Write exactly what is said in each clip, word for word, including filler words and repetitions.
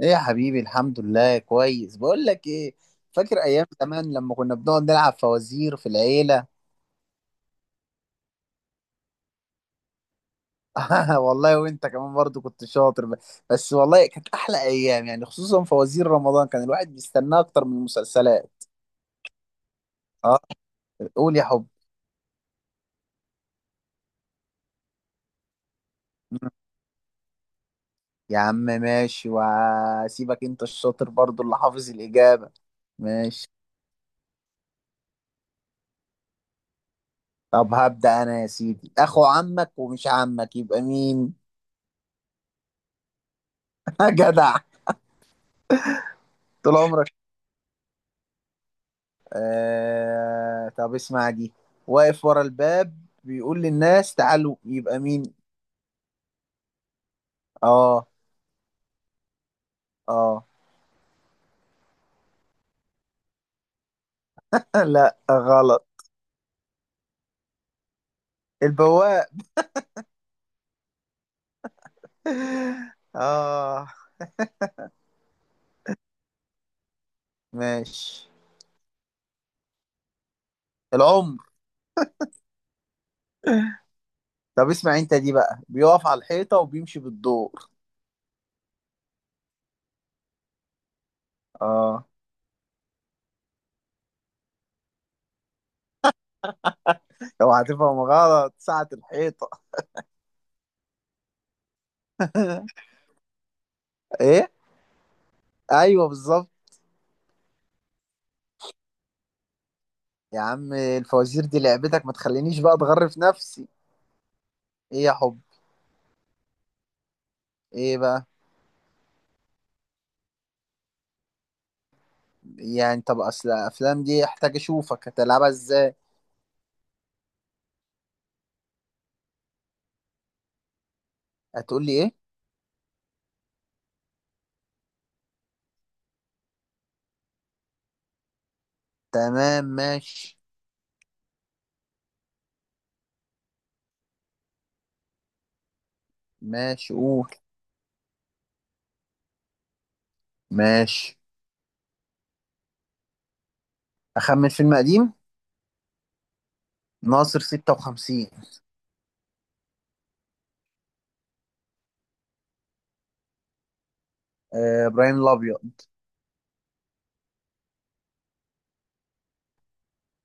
ايه يا حبيبي، الحمد لله كويس. بقول لك ايه، فاكر ايام زمان لما كنا بنقعد نلعب فوازير في العيله؟ والله وانت كمان برضو كنت شاطر ب- بس والله كانت احلى ايام يعني، خصوصا فوازير رمضان كان الواحد بيستناه اكتر من المسلسلات. اه، قول يا حب. مم. يا عم ماشي، وهسيبك انت الشاطر برضو اللي حافظ الاجابه. ماشي. طب هبدا انا يا سيدي، اخو عمك ومش عمك يبقى مين؟ جدع. طول عمرك. آه... طب اسمع دي، واقف ورا الباب بيقول للناس تعالوا، يبقى مين؟ اه، اه. لا غلط. البواق. اه. ماشي. العمر. طب اسمع انت دي بقى، بيقف على الحيطة وبيمشي بالدور. اه. لو هتفهم غلط، ساعة الحيطة. ايه؟ ايوه بالظبط. يا عم، الفوازير دي لعبتك، ما تخلينيش بقى اتغرف نفسي. ايه يا حب؟ ايه بقى؟ يعني طب اصل الافلام دي احتاج اشوفك هتلعبها ازاي. هتقول لي ايه؟ تمام ماشي. ماشي قول. ماشي، اخمن فيلم قديم. ناصر ستة وخمسين. آه، ابراهيم الابيض.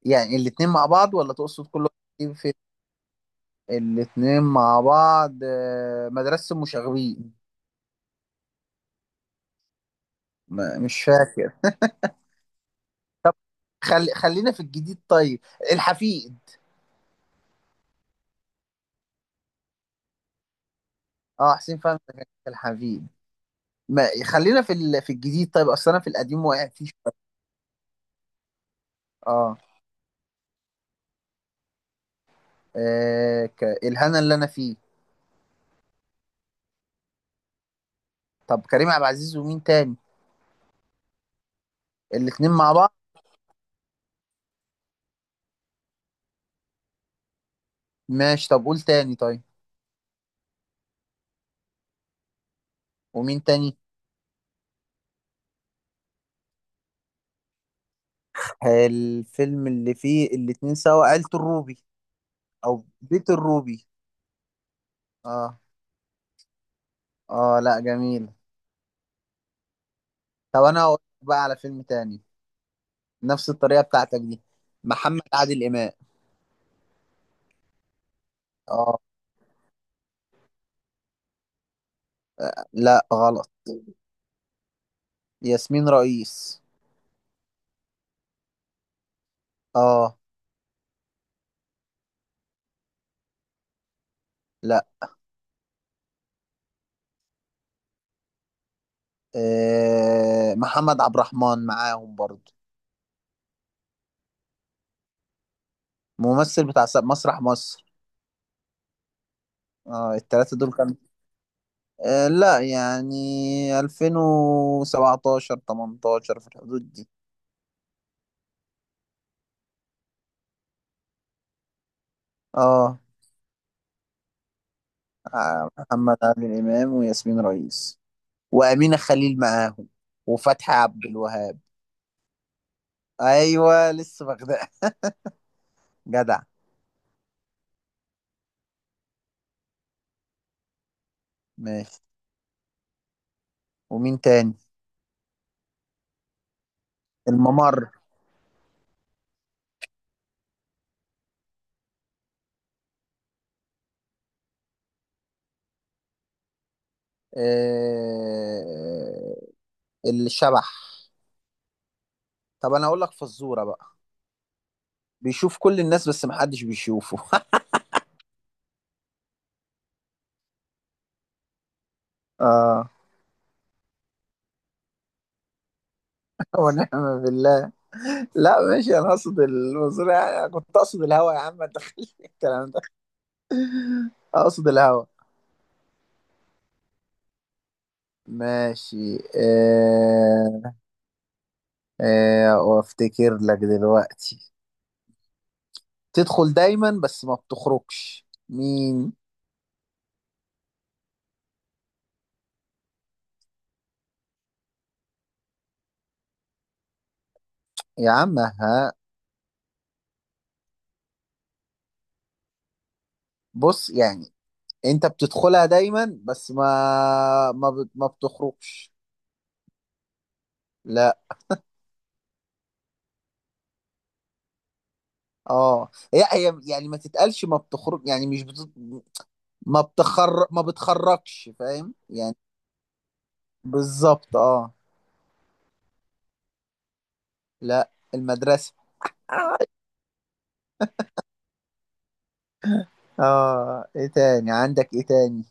يعني الاتنين مع بعض ولا تقصد كل واحد في؟ الاتنين مع بعض. آه، مدرسة المشاغبين. ما- مش فاكر. خلي خلينا في الجديد طيب. الحفيد. اه حسين فهمي كان في الحفيد. ما خلينا في ال... في الجديد طيب، اصل انا في القديم وقع فيه شوية. اه. آه... ك... الهنا اللي انا فيه. طب كريم عبد العزيز ومين تاني؟ الاتنين مع بعض. ماشي. طب قول تاني طيب. ومين تاني؟ آه، الفيلم اللي فيه الاتنين سوا عيلة الروبي. او بيت الروبي. اه. اه، لا جميل. طب انا هقول لك بقى على فيلم تاني، نفس الطريقة بتاعتك دي. محمد عادل امام. اه. لا غلط. ياسمين رئيس. اه. لا. آه محمد عبد الرحمن معاهم برضو. ممثل بتاع س- مسرح مصر. اه التلاتة دول كانوا. آه، لا يعني ألفين وسبعتاشر ثمانية عشر في الحدود دي. اه. آه، محمد عادل امام وياسمين رئيس وامينه خليل معاهم وفتحي عبد الوهاب. ايوه لسه بغداد. جدع. ماشي. ومين تاني؟ الممر. آه الشبح. طب انا اقول لك فزوره بقى، بيشوف كل الناس بس محدش بيشوفه. اه. ونعم بالله. لا ماشي، انا اقصد المنظور يعني، كنت اقصد الهوا يا عم، ما تدخلش في الكلام ده. اقصد الهوا. ماشي. آه... آه... وافتكر لك دلوقتي، تدخل دايما بس ما بتخرجش، مين؟ يا عم ها. بص يعني، انت بتدخلها دايما بس ما ما, بت... ما بتخرجش. لا. اه هي هي يعني ما تتقالش ما بتخرج يعني مش بت... ما بتخر ما بتخرجش، فاهم يعني. بالظبط اه. لا، المدرسة. اه. آه، ايه تاني؟ عندك ايه تاني؟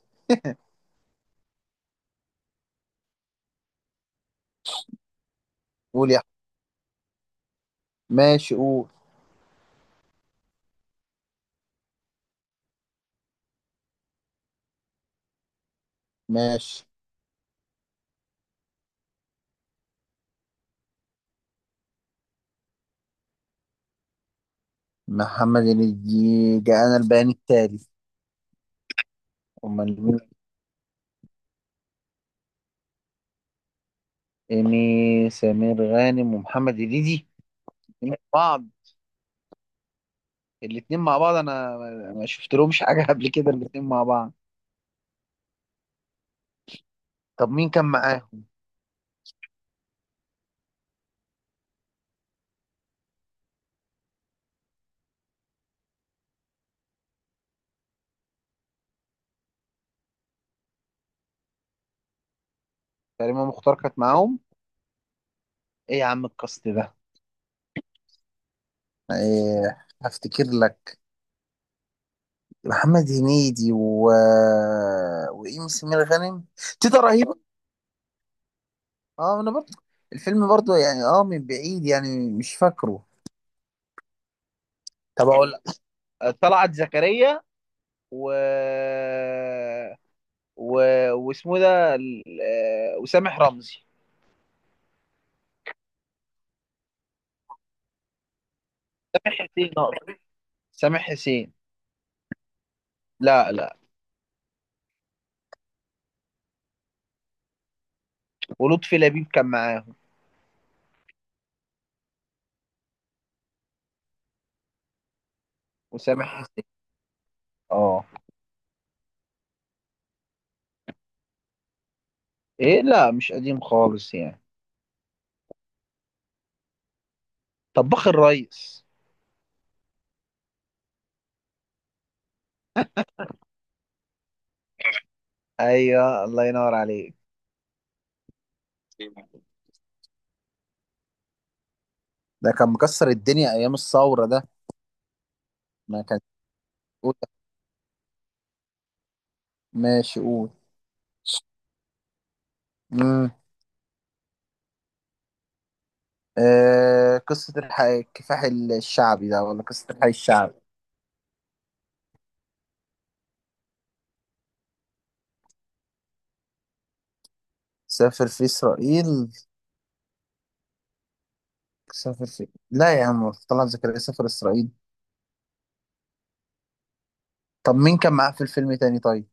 قول يا أحمد. ماشي قول. ماشي. محمد هنيدي جاءنا البيان التالي. امال مين؟ إيمي سمير غانم ومحمد هنيدي. الاتنين مع بعض. الاتنين مع بعض، انا ما ما شفت لهمش حاجة قبل كده الاتنين مع بعض. طب مين كان معاهم؟ كريمة مختار كانت معاهم؟ ايه يا عم القصد ده. ايه هفتكر لك. محمد هنيدي و... وإيمي سمير غانم. تيتا رهيب. اه انا برضه. الفيلم برضه يعني اه من بعيد يعني مش فاكره. طب اقول لك. طلعت زكريا و و واسمه ده ال- آه، وسامح رمزي. حسين أقصد. سامح حسين. لا لا. ولطفي لبيب كان معاهم. وسامح حسين. اه. ايه، لا مش قديم خالص يعني. طباخ الريس. ايوه الله ينور عليك. ده كان مكسر الدنيا ايام الثوره ده. ما كان. ماشي قول. مم. آه، قصة الحي... الكفاح الشعبي ده ولا قصة الحي الشعبي؟ سافر في إسرائيل. سافر في، لا يا عم طلعت زكريا سافر إسرائيل. طب مين كان معاه في الفيلم تاني طيب؟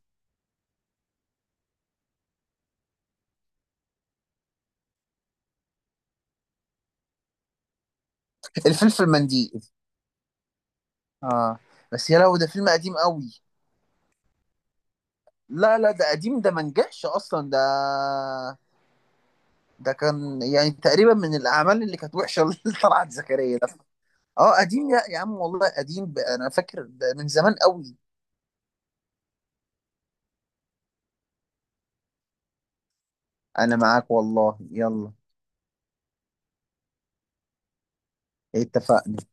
الفلفل منديل. اه. بس يا لو ده فيلم قديم قوي. لا لا ده قديم، ده ما نجحش أصلا ده. ده كان يعني تقريبا من الأعمال اللي كانت وحشة، اللي طلعت زكريا ده. اه قديم يا يا عم والله قديم. ب- أنا فاكر ده من زمان قوي. أنا معاك والله يلا. اتفقنا.